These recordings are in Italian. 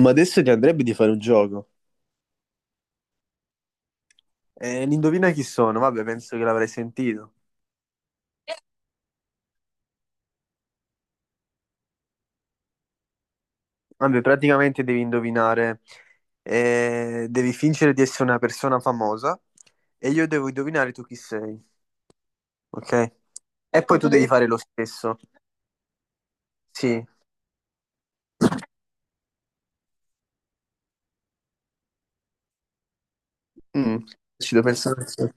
Ma adesso ti andrebbe di fare un gioco. Indovina chi sono? Vabbè, penso che l'avrai sentito. Vabbè, praticamente devi indovinare, devi fingere di essere una persona famosa e io devo indovinare tu chi sei, ok? E poi tu devi fare lo stesso. Sì, Mm, Ci devo pensare. Sì.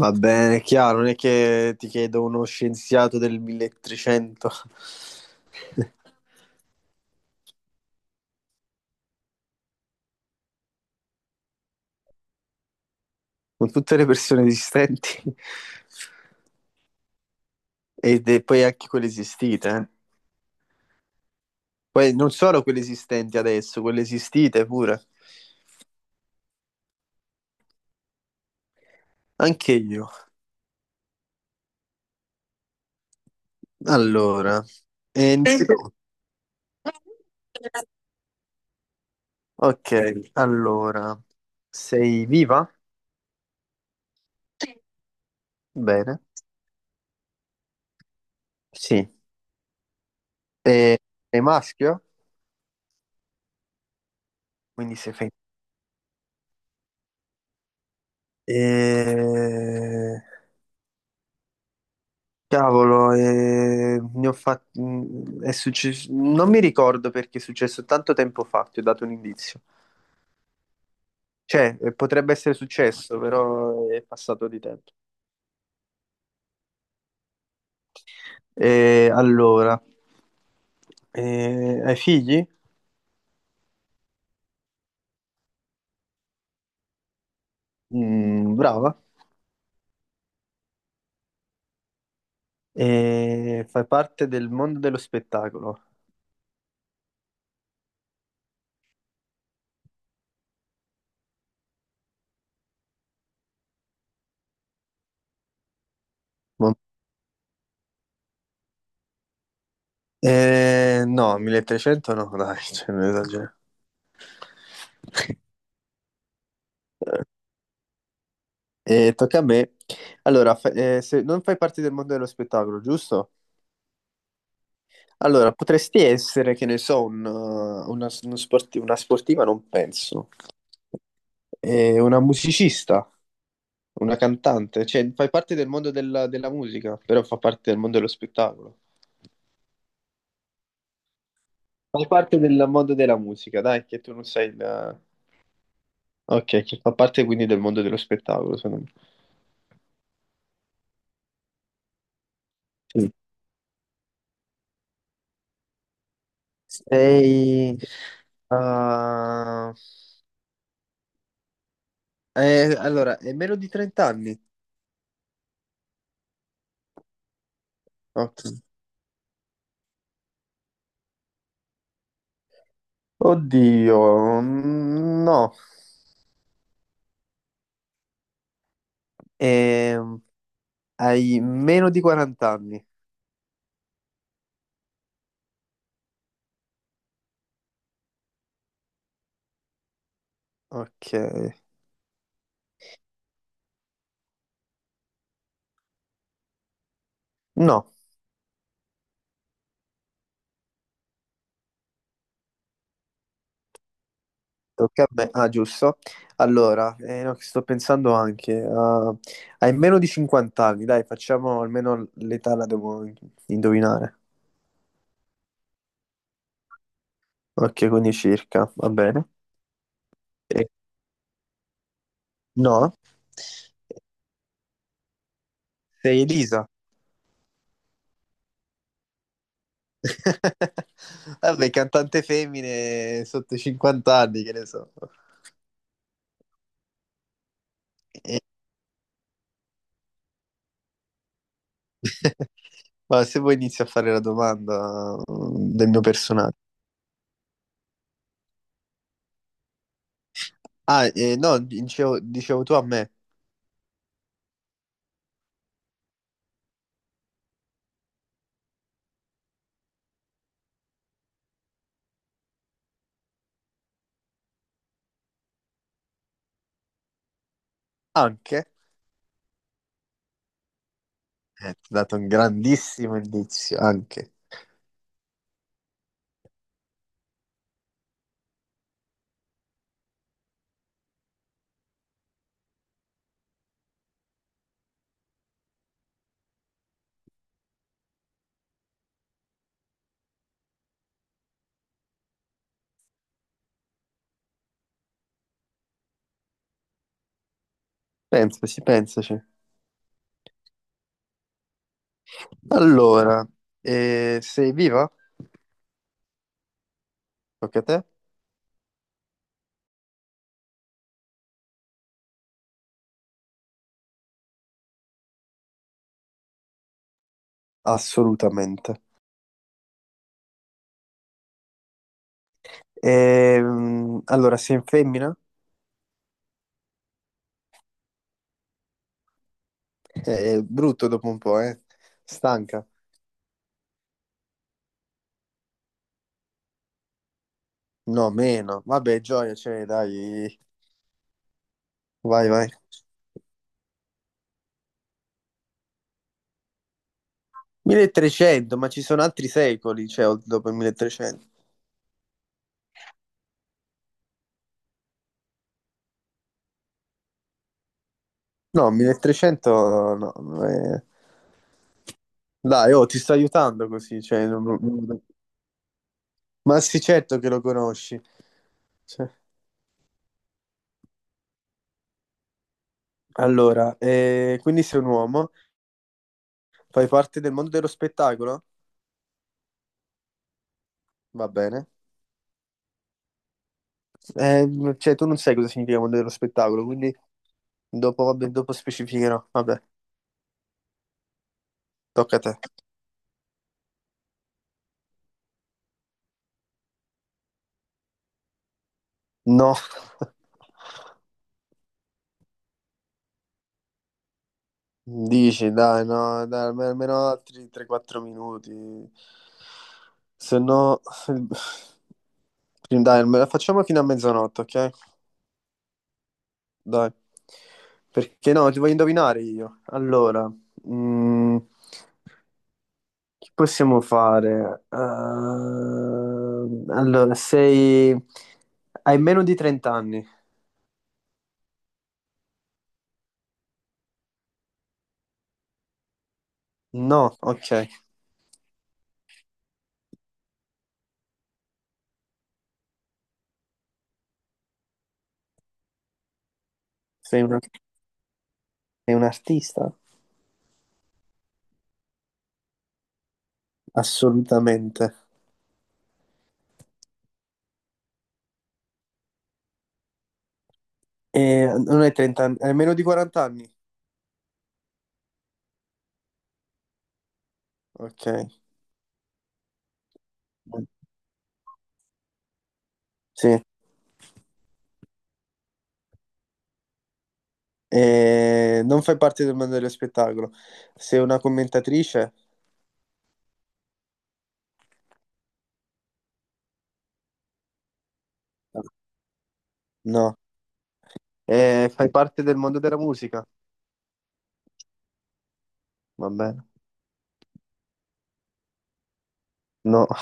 Va bene, è chiaro, non è che ti chiedo uno scienziato del 1300 con tutte le persone esistenti e poi anche quelle esistite, eh. Poi non solo quelle esistenti adesso, quelle esistite pure. Anche io. Allora, sì. Innanzitutto, ok, allora, sei viva? Bene. Sì. E- Sei maschio? Quindi sei femminile. Eh, Cavolo, è successo. Non mi ricordo, perché è successo tanto tempo fa, ti ho dato un indizio. Cioè, potrebbe essere successo, però è passato di tempo. E allora, hai figli? Mm, brava. E fai parte del mondo dello spettacolo? Mo- no, 1300 no, dai, cioè, non esagero. E tocca a me. Allora, se non fai parte del mondo dello spettacolo, giusto? Allora, potresti essere, che ne so, un, una, uno sporti- una sportiva, non penso. Una musicista? Una cantante, cioè fai parte del mondo della musica, però fa parte del mondo dello spettacolo. Fai parte del mondo della musica, dai, che tu non sei da. Ok, che fa parte quindi del mondo dello spettacolo, secondo me. Sì. Sei... ah, allora, è meno di 30 anni. Ok. Oddio, no. Ehm, Hai meno di 40 anni. Ok. No. Tocca a me. Ah, giusto. Allora, no, che sto pensando anche. Hai meno di 50 anni, dai, facciamo almeno l'età la devo indovinare. Ok, quindi circa, va bene. Eh, no? Sei Elisa. Vabbè, cantante femmine sotto i 50 anni, che ne so. Eh, Ma se vuoi inizio a fare la domanda, del mio personaggio. Ah, no, dicevo tu a me. Anche? Ti ho dato un grandissimo indizio anche. Pensaci, pensaci. Allora, sei viva? Tocca a te? Assolutamente. Allora, sei in femmina? È brutto dopo un po', eh? Stanca? No, meno. Vabbè, gioia, cioè, dai. Vai, vai. 1300, ma ci sono altri secoli, cioè, dopo il 1300. No, 1300 no. Eh. Dai, oh, ti sto aiutando così, cioè. Ma sì, certo che lo conosci. Cioè, allora, quindi sei un uomo, fai parte del mondo dello spettacolo? Va bene. Cioè, tu non sai cosa significa mondo dello spettacolo, quindi dopo, vabbè, dopo specificherò. Vabbè, tocca a te. No, dici, dai, no, dai, almeno altri 3-4 minuti. Se no, dai, facciamo fino a mezzanotte, ok? Dai, perché no, ti voglio indovinare io. Allora, mm, che possiamo fare? Allora, hai meno di 30 anni? No, ok. Sei un, Sei un artista? Assolutamente. E non hai 30 anni, hai meno di 40 anni? Ok. Sì. E non fai parte del mondo dello spettacolo. Sei una commentatrice? No. E fai parte del mondo della musica? Va bene. No.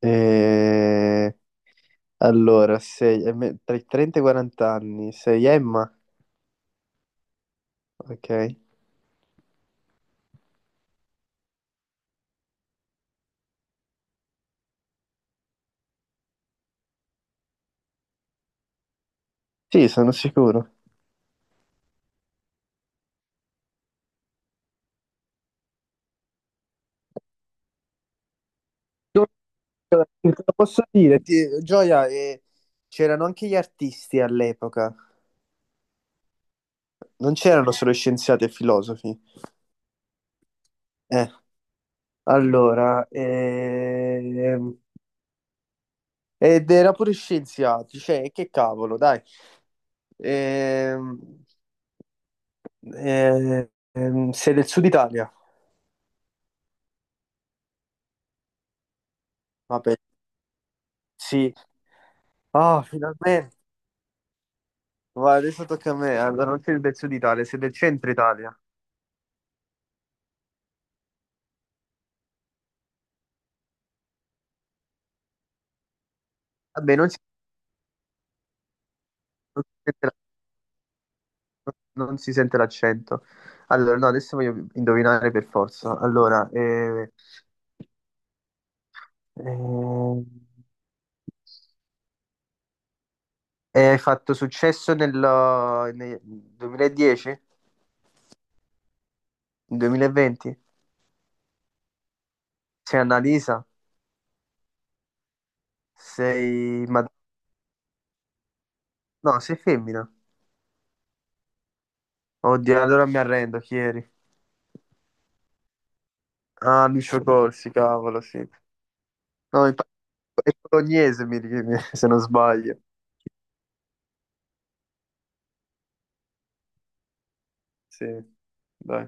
Eh, Allora, tra i 30 e i 40 anni, sei Emma? Ok. Sì, sono sicuro. Gioia, te lo posso dire, Gioia, c'erano anche gli artisti all'epoca, non c'erano solo scienziati e filosofi. Eh, allora, ed era pure scienziati, cioè, che cavolo, dai. Ehm, Sei del sud Italia? Vabbè, sì. Ah, finalmente. Va, adesso tocca a me. Allora, non sei del sud Italia, sei del centro Italia. Vabbè, non si non si sente l'accento. Allora, no, adesso voglio indovinare per forza. Allora, eh, hai fatto successo nel 2010? Nel 2020? Sei Annalisa? Sei... Ma... No, sei femmina. Oddio, allora mi arrendo, chi eri? Ah, Lucio Corsi, cavolo, sì. No, infatti è bolognese, se non sbaglio. Sì, dai.